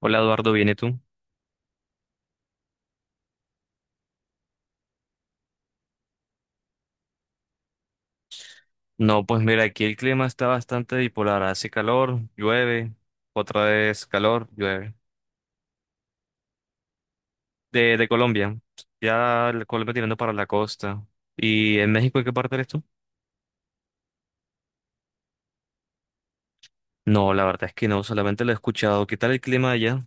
Hola Eduardo, ¿viene tú? No, pues mira, aquí el clima está bastante bipolar. Hace calor, llueve, otra vez calor, llueve. De Colombia, ya la Colombia tirando para la costa. ¿Y en México en qué parte eres tú? No, la verdad es que no, solamente lo he escuchado. ¿Qué tal el clima allá?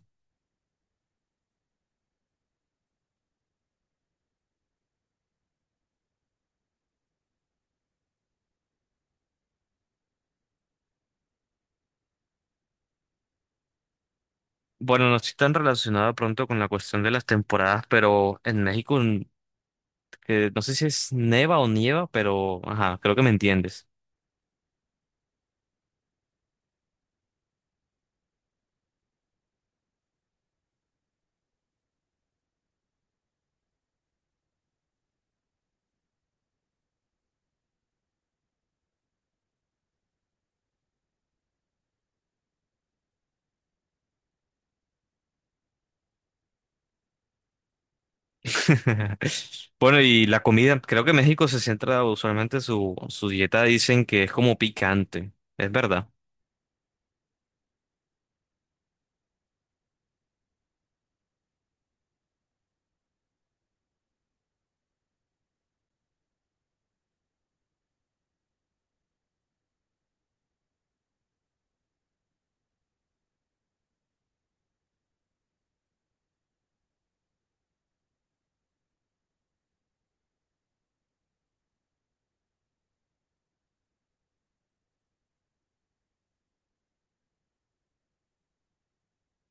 Bueno, no estoy tan relacionado pronto con la cuestión de las temporadas, pero en México, que no sé si es neva o nieva, pero ajá, creo que me entiendes. Bueno, y la comida, creo que México se centra usualmente su dieta, dicen que es como picante, es verdad.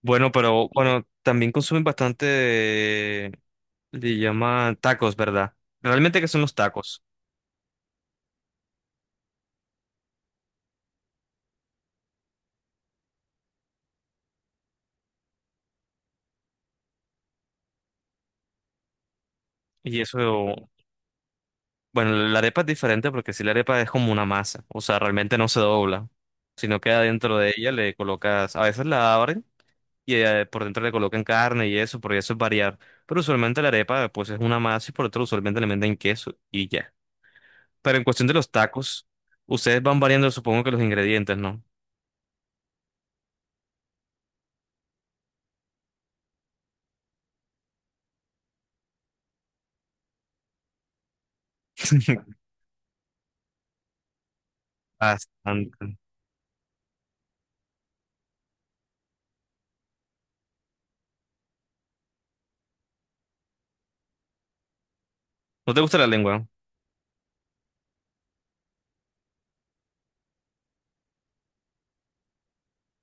Bueno, pero bueno, también consumen bastante, le llaman tacos, ¿verdad? Realmente, ¿qué son los tacos? Y eso, bueno, la arepa es diferente porque si la arepa es como una masa, o sea, realmente no se dobla, sino que adentro de ella le colocas, a veces la abren y por dentro le colocan carne y eso, porque eso es variar, pero usualmente la arepa pues es una masa y por dentro usualmente le meten queso y ya. Pero en cuestión de los tacos, ustedes van variando supongo que los ingredientes, ¿no? Bastante. ¿No te gusta la lengua?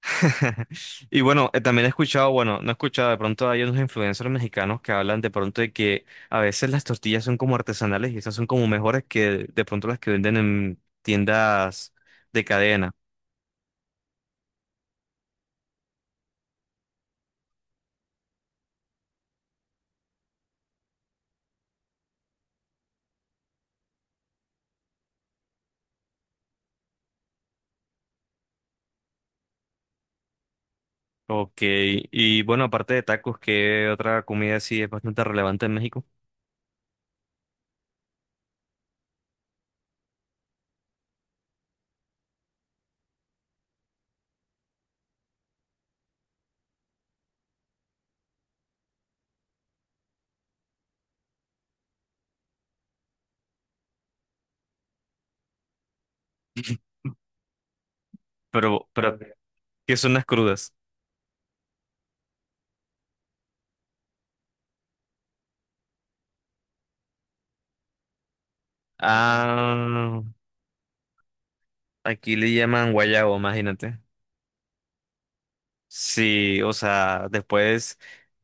Y bueno, también he escuchado, bueno, no he escuchado, de pronto hay unos influencers mexicanos que hablan de pronto de que a veces las tortillas son como artesanales y esas son como mejores que de pronto las que venden en tiendas de cadena. Ok, y bueno, aparte de tacos, ¿qué otra comida sí es bastante relevante en México? Pero, pero, ¿Qué son las crudas? Ah, aquí le llaman guayabo, imagínate. Sí, o sea, después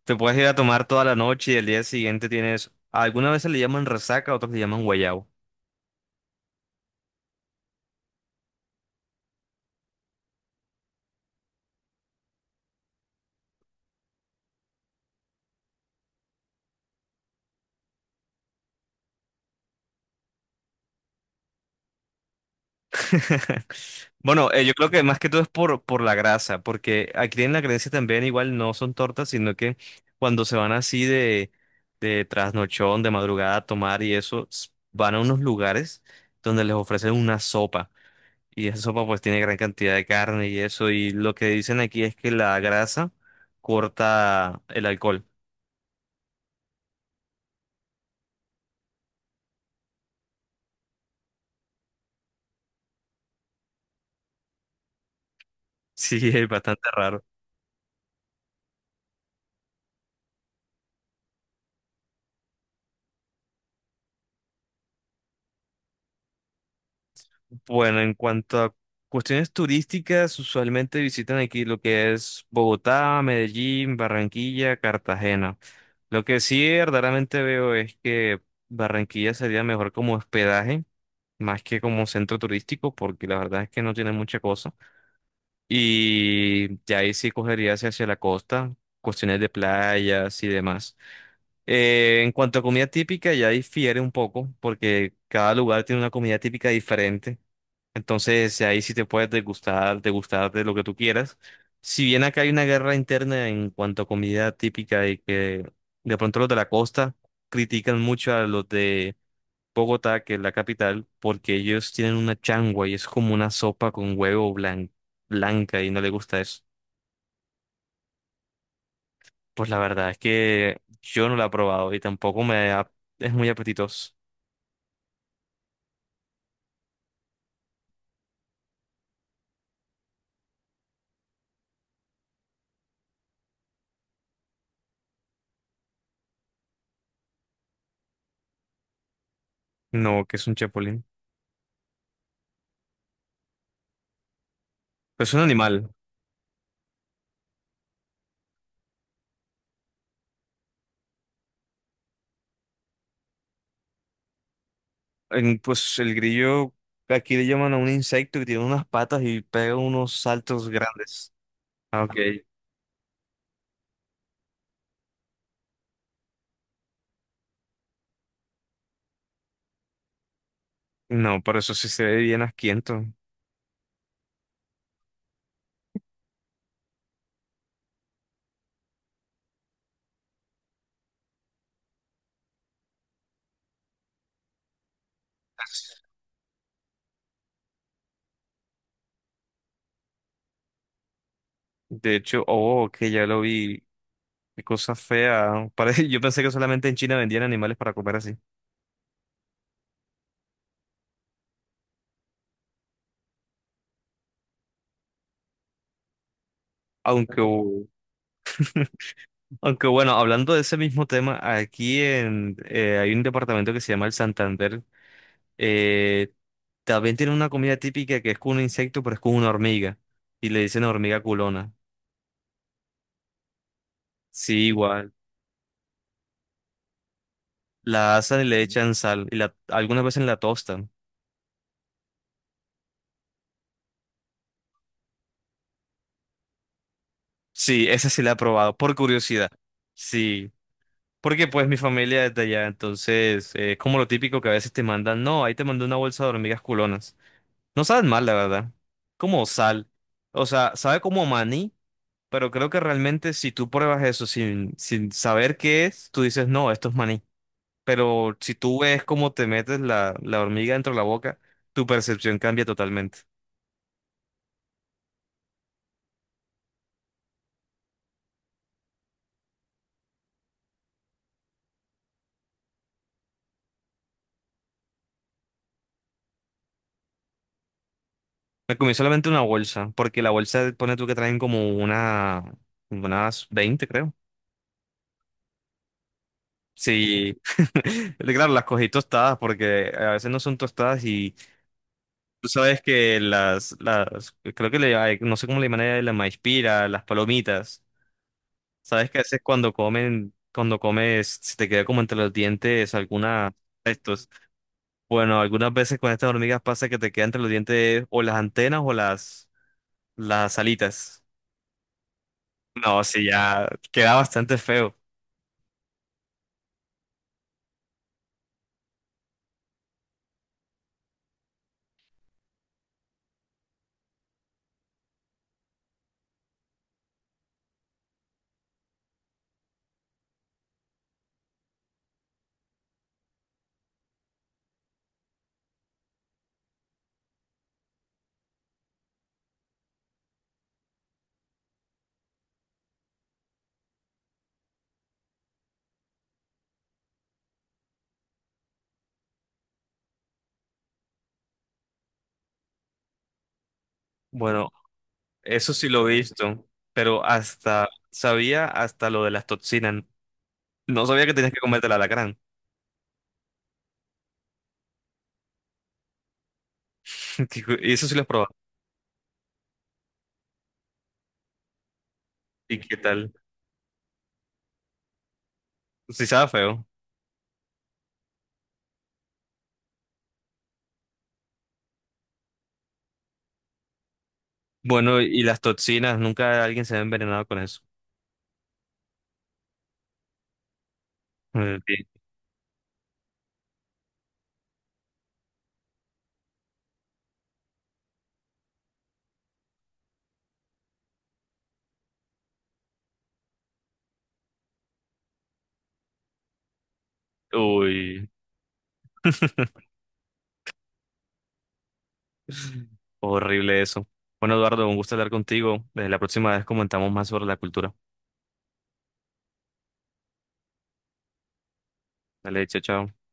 te puedes ir a tomar toda la noche y el día siguiente tienes, algunas veces le llaman resaca, otros le llaman guayabo. Bueno, yo creo que más que todo es por la grasa, porque aquí en la creencia también igual no son tortas, sino que cuando se van así de trasnochón, de madrugada a tomar y eso, van a unos lugares donde les ofrecen una sopa. Y esa sopa pues tiene gran cantidad de carne y eso, y lo que dicen aquí es que la grasa corta el alcohol. Sí, es bastante raro. Bueno, en cuanto a cuestiones turísticas, usualmente visitan aquí lo que es Bogotá, Medellín, Barranquilla, Cartagena. Lo que sí verdaderamente veo es que Barranquilla sería mejor como hospedaje, más que como centro turístico, porque la verdad es que no tiene mucha cosa. Y de ahí sí cogería hacia la costa, cuestiones de playas y demás. En cuanto a comida típica, ya difiere un poco, porque cada lugar tiene una comida típica diferente. Entonces, ahí sí te puedes degustar, degustar de lo que tú quieras. Si bien acá hay una guerra interna en cuanto a comida típica y que de pronto los de la costa critican mucho a los de Bogotá, que es la capital, porque ellos tienen una changua y es como una sopa con huevo blanca y no les gusta eso. Pues la verdad es que yo no la he probado y tampoco es muy apetitoso. No, que es un chapulín? Pues es un animal. Pues el grillo, aquí le llaman a un insecto que tiene unas patas y pega unos saltos grandes. Ah, ok. No, pero eso sí se ve bien asquiento. De hecho, oh, que ya lo vi. Qué cosa fea. Parece, yo pensé que solamente en China vendían animales para comer así. Aunque, oh, aunque bueno, hablando de ese mismo tema, hay un departamento que se llama el Santander. Eh, También tiene una comida típica que es con un insecto, pero es con una hormiga. Y le dicen hormiga culona. Sí, igual. La asan y le echan sal. Y la, algunas veces la tostan. Sí, esa sí la he probado, por curiosidad. Sí. Porque pues mi familia es de allá, entonces es como lo típico que a veces te mandan. No, ahí te mandé una bolsa de hormigas culonas. No saben mal, la verdad. Como sal. O sea, sabe como a maní, pero creo que realmente si tú pruebas eso sin saber qué es, tú dices, no, esto es maní. Pero si tú ves cómo te metes la hormiga dentro de la boca, tu percepción cambia totalmente. Me comí solamente una bolsa, porque la bolsa pone tú que traen como una, unas 20 creo. Sí, claro, las cogí tostadas porque a veces no son tostadas y tú sabes que creo que le, ay, no sé cómo le llaman de la maíz pira, las palomitas, sabes que a veces cuando comen, cuando comes, se te queda como entre los dientes alguna, esto, bueno, algunas veces con estas hormigas pasa que te queda entre los dientes o las antenas o las alitas. No, sí, ya queda bastante feo. Bueno, eso sí lo he visto, pero hasta sabía hasta lo de las toxinas. No sabía que tenías que comerte el alacrán. Y eso sí lo he probado. ¿Y qué tal? Sí sabe feo. Bueno, y las toxinas, ¿nunca alguien se ha envenenado con eso? Sí. Uy, horrible eso. Bueno, Eduardo, un gusto hablar contigo. La próxima vez comentamos más sobre la cultura. Dale, chao, chao.